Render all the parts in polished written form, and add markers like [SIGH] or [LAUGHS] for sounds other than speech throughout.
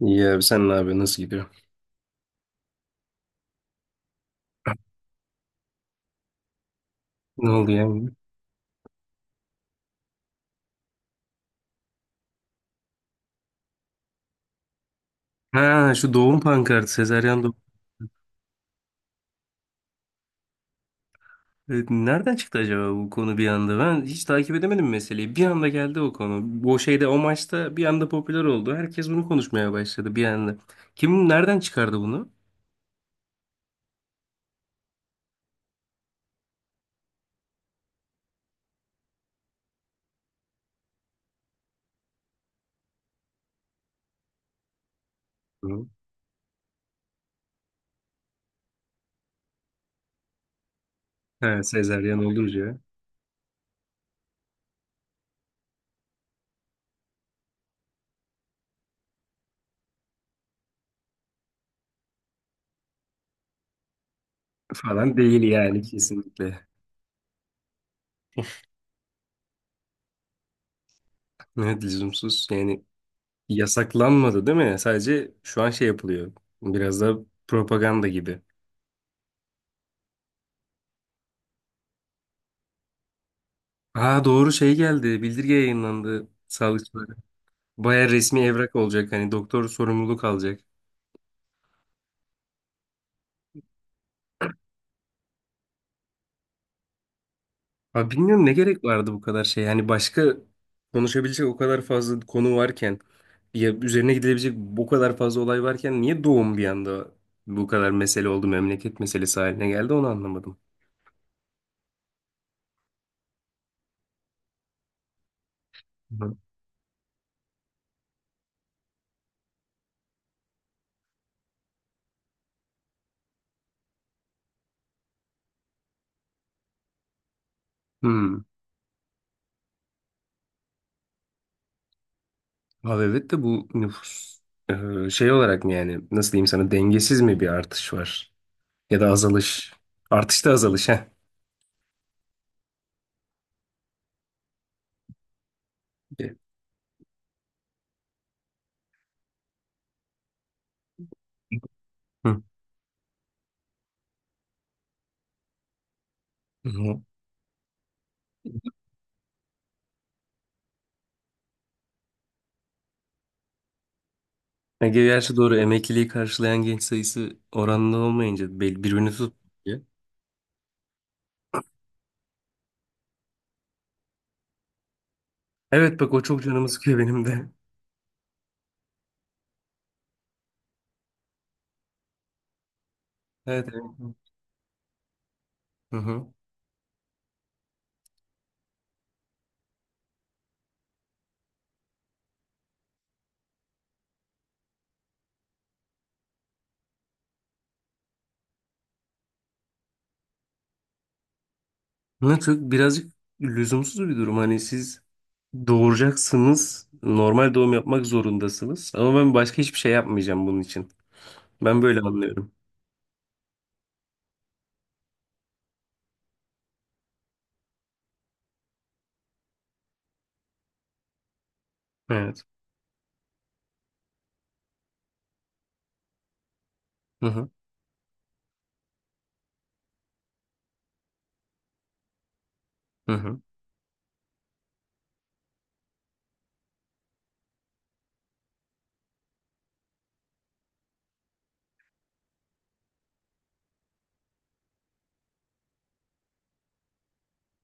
İyi abi sen ne yapıyorsun? Nasıl gidiyor? Ne oldu ya? Ha şu doğum pankartı. Sezaryen doğum. Nereden çıktı acaba bu konu bir anda? Ben hiç takip edemedim meseleyi. Bir anda geldi o konu. O şeyde o maçta bir anda popüler oldu. Herkes bunu konuşmaya başladı bir anda. Kim nereden çıkardı bunu? Hı. Ha, sezaryen olunca falan değil yani kesinlikle. Evet, lüzumsuz. Yani yasaklanmadı değil mi? Sadece şu an şey yapılıyor. Biraz da propaganda gibi. Ha, doğru şey geldi. Bildirge yayınlandı sağlıkçılara. Baya resmi evrak olacak. Hani doktor sorumluluk alacak. Abi bilmiyorum ne gerek vardı bu kadar şey. Yani başka konuşabilecek o kadar fazla konu varken, ya üzerine gidilebilecek o kadar fazla olay varken niye doğum bir anda bu kadar mesele oldu, memleket meselesi haline geldi, onu anlamadım. Hı. Hmm. Abi evet de bu nüfus şey olarak mı, yani nasıl diyeyim sana, dengesiz mi bir artış var? Ya da azalış. Artışta azalış ha. Hı hı. Ya gerçi doğru, emekliliği karşılayan genç sayısı oranlı olmayınca birbirini tutmuyor. Evet, bak o çok canımı sıkıyor benim de. Evet, evet. Hı hı. Ne çok, birazcık lüzumsuz bir durum. Hani siz doğuracaksınız. Normal doğum yapmak zorundasınız. Ama ben başka hiçbir şey yapmayacağım bunun için. Ben böyle anlıyorum. Evet. Hı hı. Hı hı.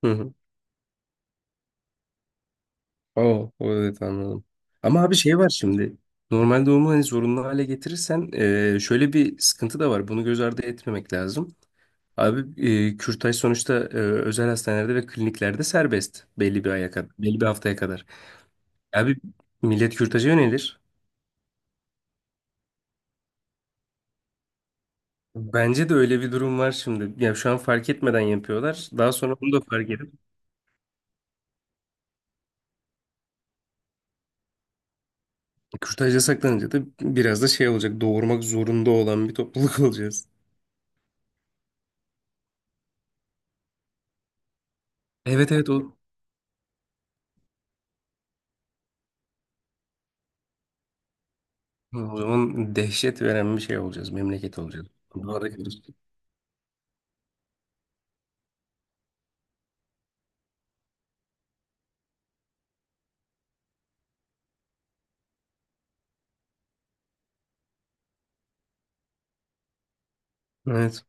Hı hı. Oh, evet, anladım. Ama abi şey var şimdi. Normal doğumu hani zorunlu hale getirirsen, şöyle bir sıkıntı da var. Bunu göz ardı etmemek lazım. Abi kürtaj sonuçta, özel hastanelerde ve kliniklerde serbest belli bir aya kadar, belli bir haftaya kadar. Abi millet kürtaja yönelir. Bence de öyle bir durum var şimdi. Ya şu an fark etmeden yapıyorlar. Daha sonra bunu da fark edip kürtaja saklanınca da biraz da şey olacak. Doğurmak zorunda olan bir topluluk [LAUGHS] olacağız. Evet, evet o. O zaman dehşet veren bir şey olacağız. Memleket olacağız. Duvara kalırız. Evet.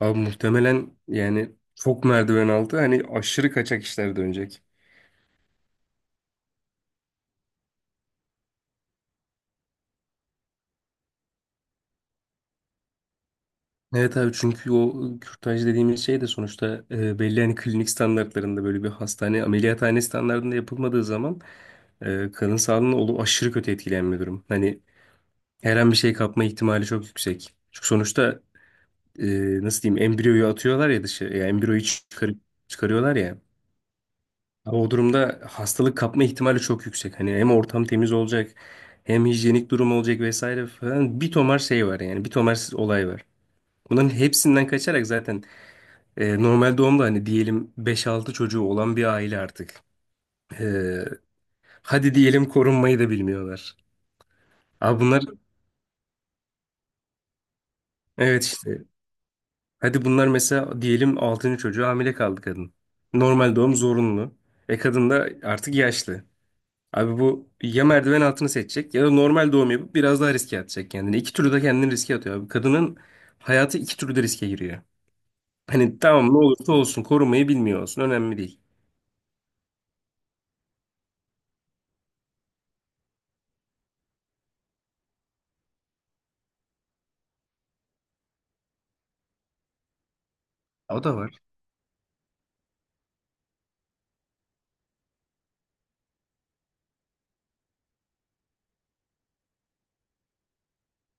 Abi muhtemelen yani çok merdiven altı, hani aşırı kaçak işler dönecek. Evet abi, çünkü o kürtaj dediğimiz şey de sonuçta, belli hani klinik standartlarında, böyle bir hastane ameliyathane standartında yapılmadığı zaman kadın sağlığına aşırı kötü etkileyen bir durum. Hani her an bir şey kapma ihtimali çok yüksek. Çünkü sonuçta, e, nasıl diyeyim, embriyoyu atıyorlar ya dışı. Ya embriyoyu çıkarıyorlar ya. Ama o durumda hastalık kapma ihtimali çok yüksek. Hani hem ortam temiz olacak, hem hijyenik durum olacak vesaire falan. Bir tomar şey var yani, bir tomar olay var. Bunların hepsinden kaçarak zaten, normal doğumda hani diyelim beş altı çocuğu olan bir aile artık. E, Hadi diyelim korunmayı da bilmiyorlar. Abi bunlar evet, işte. Hadi bunlar mesela diyelim altıncı çocuğu hamile kaldı kadın. Normal doğum zorunlu. E kadın da artık yaşlı. Abi bu ya merdiven altını seçecek ya da normal doğum yapıp biraz daha riske atacak kendini. İki türlü de kendini riske atıyor abi. Kadının hayatı iki türlü de riske giriyor. Hani tamam, ne olursa olsun korumayı bilmiyor olsun, önemli değil. O da var.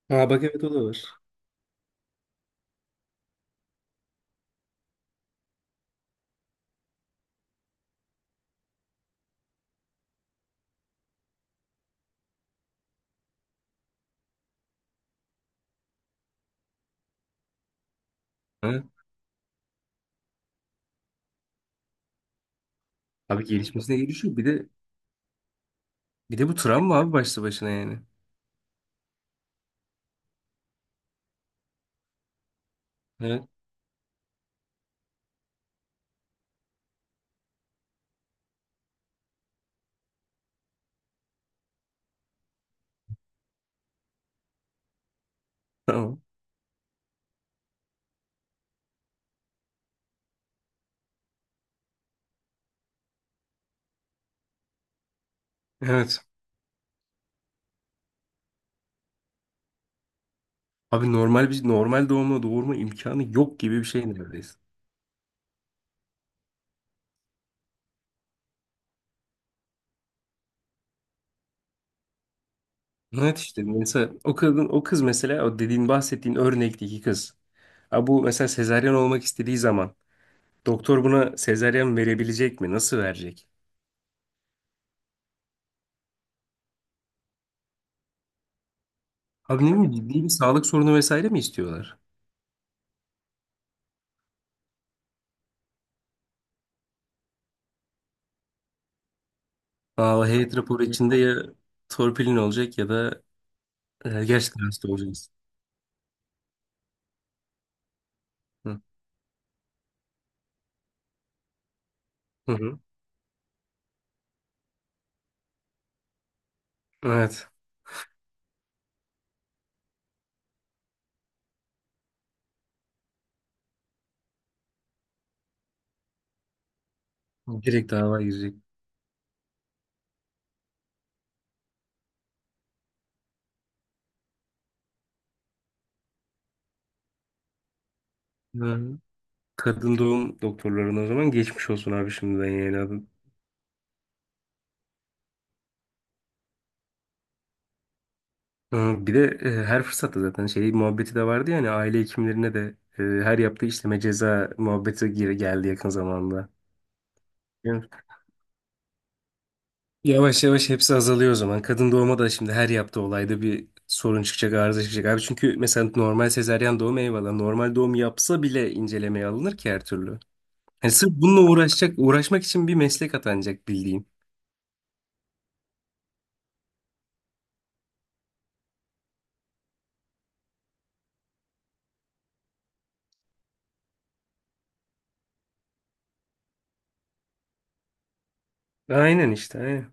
Ha bak, evet, o da var. Ha? Abi gelişmesine gelişiyor. Bir de bu travma abi başlı başına yani. Evet. Tamam. Evet. Abi normal bir, normal doğumla doğurma imkanı yok gibi bir şey neredeyiz. Evet işte, mesela o kadın, o kız, mesela o dediğin bahsettiğin örnekteki kız. Abi bu mesela sezaryen olmak istediği zaman doktor buna sezaryen verebilecek mi? Nasıl verecek? Abi ne bileyim, ciddi bir sağlık sorunu vesaire mi istiyorlar? Aa, heyet raporu içinde ya torpilin olacak ya da gerçekten hasta olacaksın. Hı. Hı hı. Evet. Direkt dava girecek. Hı. Kadın doğum doktorlarına o zaman geçmiş olsun abi, şimdiden yani adım. Hı, bir de her fırsatta zaten şey muhabbeti de vardı yani, aile hekimlerine de her yaptığı işleme ceza muhabbeti geri geldi yakın zamanda. Yavaş yavaş hepsi azalıyor o zaman. Kadın doğuma da şimdi her yaptığı olayda bir sorun çıkacak, arıza çıkacak. Abi çünkü mesela normal sezaryen doğum eyvallah. Normal doğum yapsa bile incelemeye alınır ki her türlü. Hani sırf bununla uğraşacak, uğraşmak için bir meslek atanacak bildiğin. Aynen işte. Aynen.